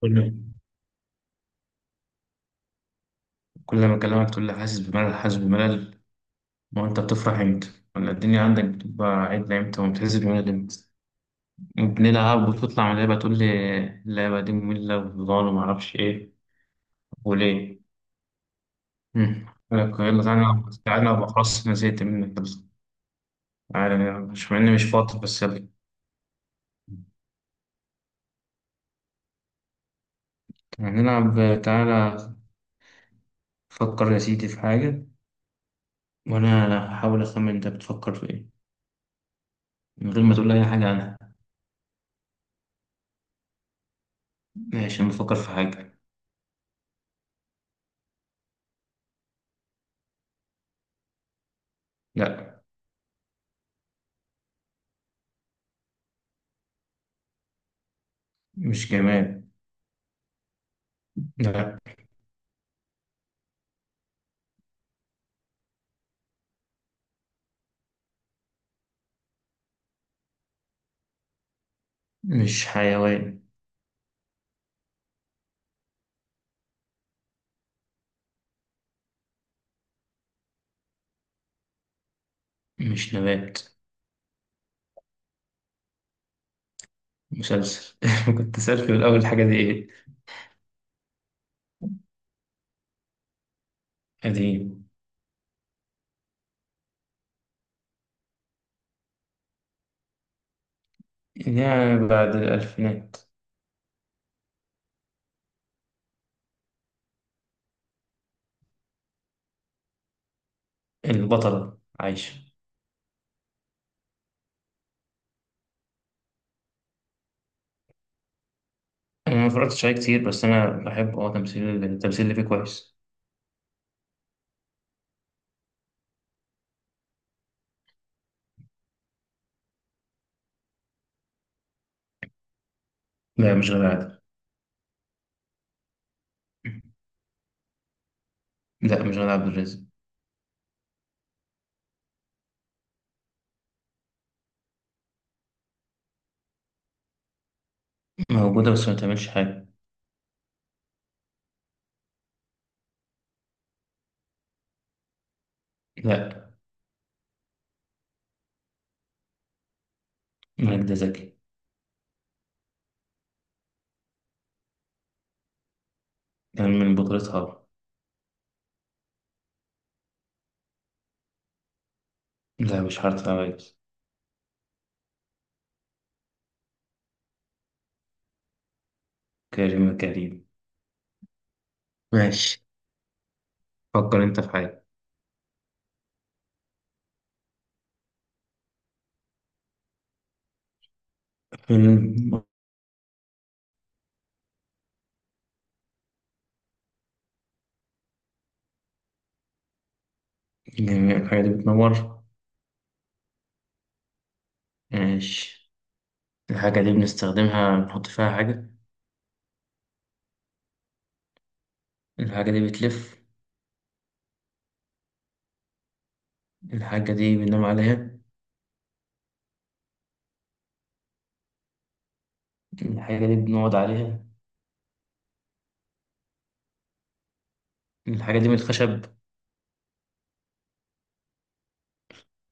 كل كل ما أكلمك تقول لي حاسس بملل حاسس بملل. ما هو أنت بتفرح إمتى؟ ولا الدنيا عندك بتبقى عدلة إمتى وبتحس بملل إمتى؟ بنلعب وتطلع من اللعبة تقول لي اللعبة دي مملة وضال ومعرفش إيه وليه؟ مم. أقول لك يلا تعالى نلعب، تعالى نلعب، خلاص أنا زهقت منك، يلا تعالى نلعب، مش مع إني مش فاضي بس يلا يعني نلعب، تعالى. فكر يا سيدي في حاجة وأنا هحاول أخمن أنت بتفكر في إيه من غير ما تقول لي أي حاجة عنها. ماشي، أنا بفكر في حاجة. لأ، مش جماد. لا مش حيوان. مش نبات. مسلسل. كنت سألت في الأول الحاجة دي إيه؟ قديم. يعني بعد الألفينات. البطلة عايشة. أنا ما اتفرجتش عليه كتير، بس أنا بحب تمثيل، التمثيل اللي فيه كويس. لا مش غادة عادل. لا مش غادة عبد الرازق. موجودة بس ما تعملش حاجة. لا، ماجدة زكي. كان من بطولتها. لا مش حارة عوايز. كريم كريم. ماشي، فكر أنت في حاجة. فيلم. جميع الحاجات دي بتنور. ماشي. الحاجة دي بنستخدمها، بنحط فيها حاجة. الحاجة دي بتلف. الحاجة دي بننام عليها. الحاجة دي بنقعد عليها. الحاجة دي من الخشب.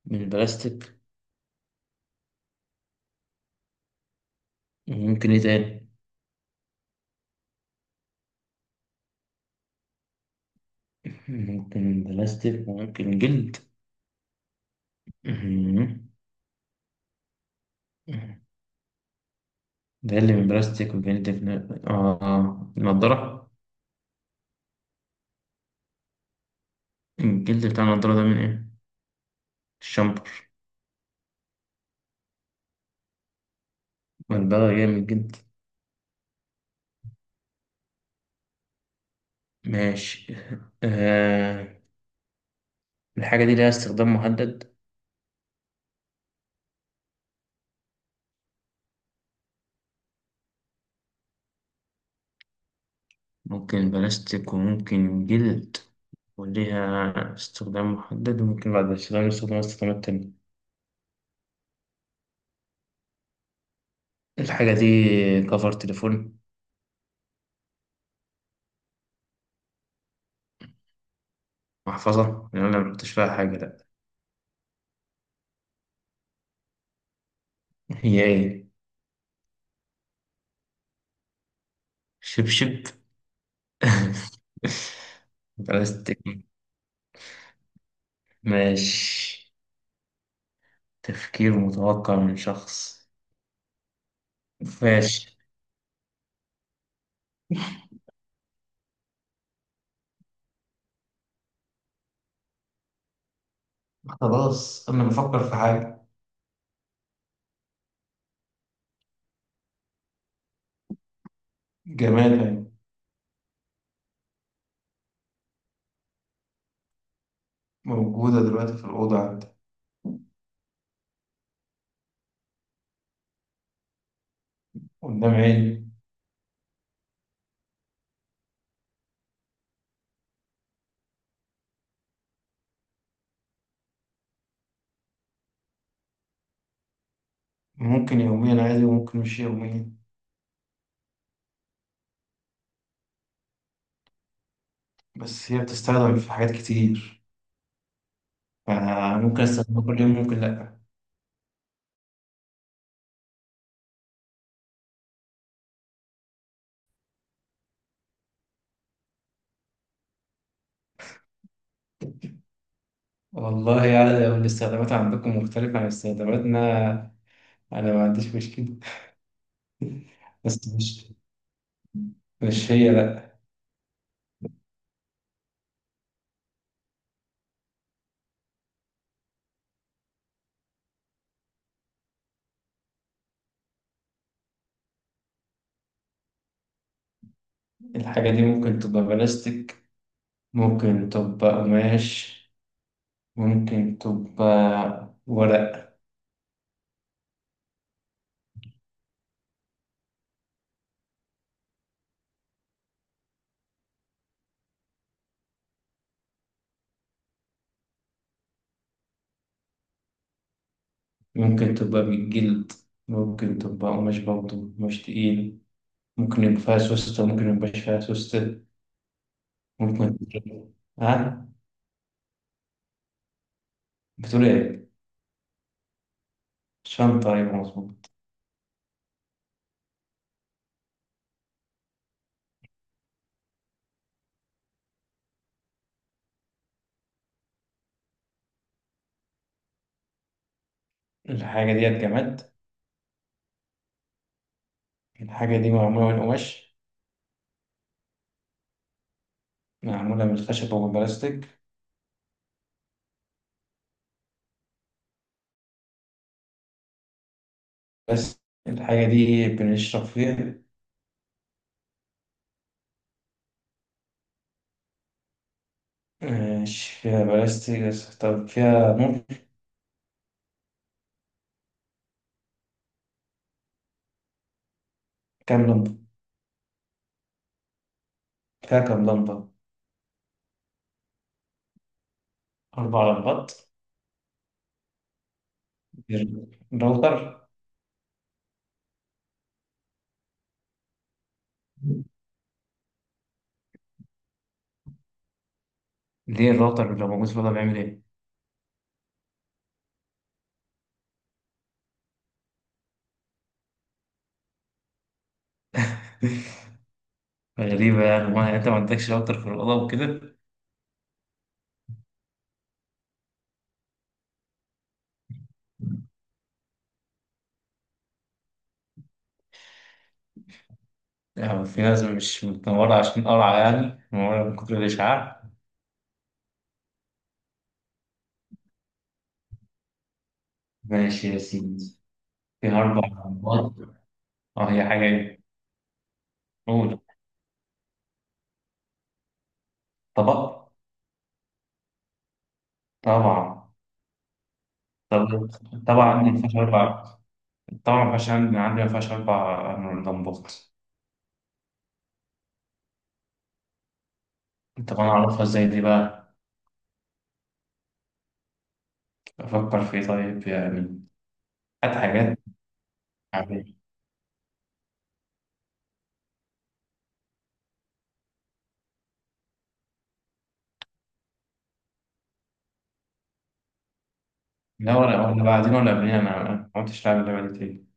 من البلاستيك. ممكن ايه تاني؟ ممكن بلاستيك وممكن جلد. مم. ده اللي من بلاستيك وجلد من، اه، نضارة. الجلد بتاع النضارة ده من ايه؟ الشامبر. والبغل جاي من الجلد. ماشي. آه. الحاجة دي ليها استخدام محدد. ممكن بلاستيك وممكن جلد، وليها استخدام محدد، وممكن بعد الاستخدام استخدامات تانية. الحاجة دي كفر تليفون؟ محفظة، لأن أنا مكنتش فيها حاجة؟ لأ. هي إيه؟ شبشب؟ بلاستيك. ماشي. تفكير متوقع من شخص. ماشي. خلاص أنا بفكر في حاجة. جماد يعني. موجودة دلوقتي في الأوضة عندي. قدام عيني. ممكن يوميا عادي وممكن مش يوميا. بس هي بتستخدم في حاجات كتير، فأنا ممكن استخدمها كل يوم، ممكن لأ. والله يعني لو الاستخدامات عندكم مختلفة عن استخداماتنا أنا ما عنديش مشكلة. بس مش هي، لأ. الحاجة دي ممكن تبقى بلاستيك، ممكن تبقى قماش، ممكن تبقى ورق، ممكن تبقى بالجلد، ممكن تبقى قماش برضه، قماش تقيل. ممكن يبقى فيها سوستة، ممكن ميبقاش فيها سوستة. ممكن. ها؟ بتقول إيه؟ شنطة؟ أيوة مظبوط. الحاجة ديت جماد. الحاجة دي معمولة من قماش؟ معمولة من خشب أو من بلاستيك؟ بس. الحاجة دي بنشرب فيها؟ مش فيها بلاستيك بس طب فيها، ممكن. كام لمبة؟ فيها كام لمبة؟ 4 لمبات. الراوتر. ليه الراوتر لو موجود في الأوضة بيعمل إيه؟ غريبة، يعني ما يعني أنت ما عندكش راوتر في الأوضة وكده؟ يعني في ناس مش متنورة عشان قرعة، يعني منورة من كتر الإشعاع. ماشي يا سيدي. فيها 4 لمبات. اه هي حاجة ايه؟ قول. طبق؟ طبعا. طبعا. طبعا ما فيهاش 4. طبعا ما فيهاش، عندي ما فيهاش 4 لمبات. طب أنا أعرفها إزاي دي بقى؟ أفكر في إيه طيب يعني؟ هات حاجات عادية. لا ولا، بعدين ولا قبلين، أنا ما كنتش لاعب اللعبة دي تاني.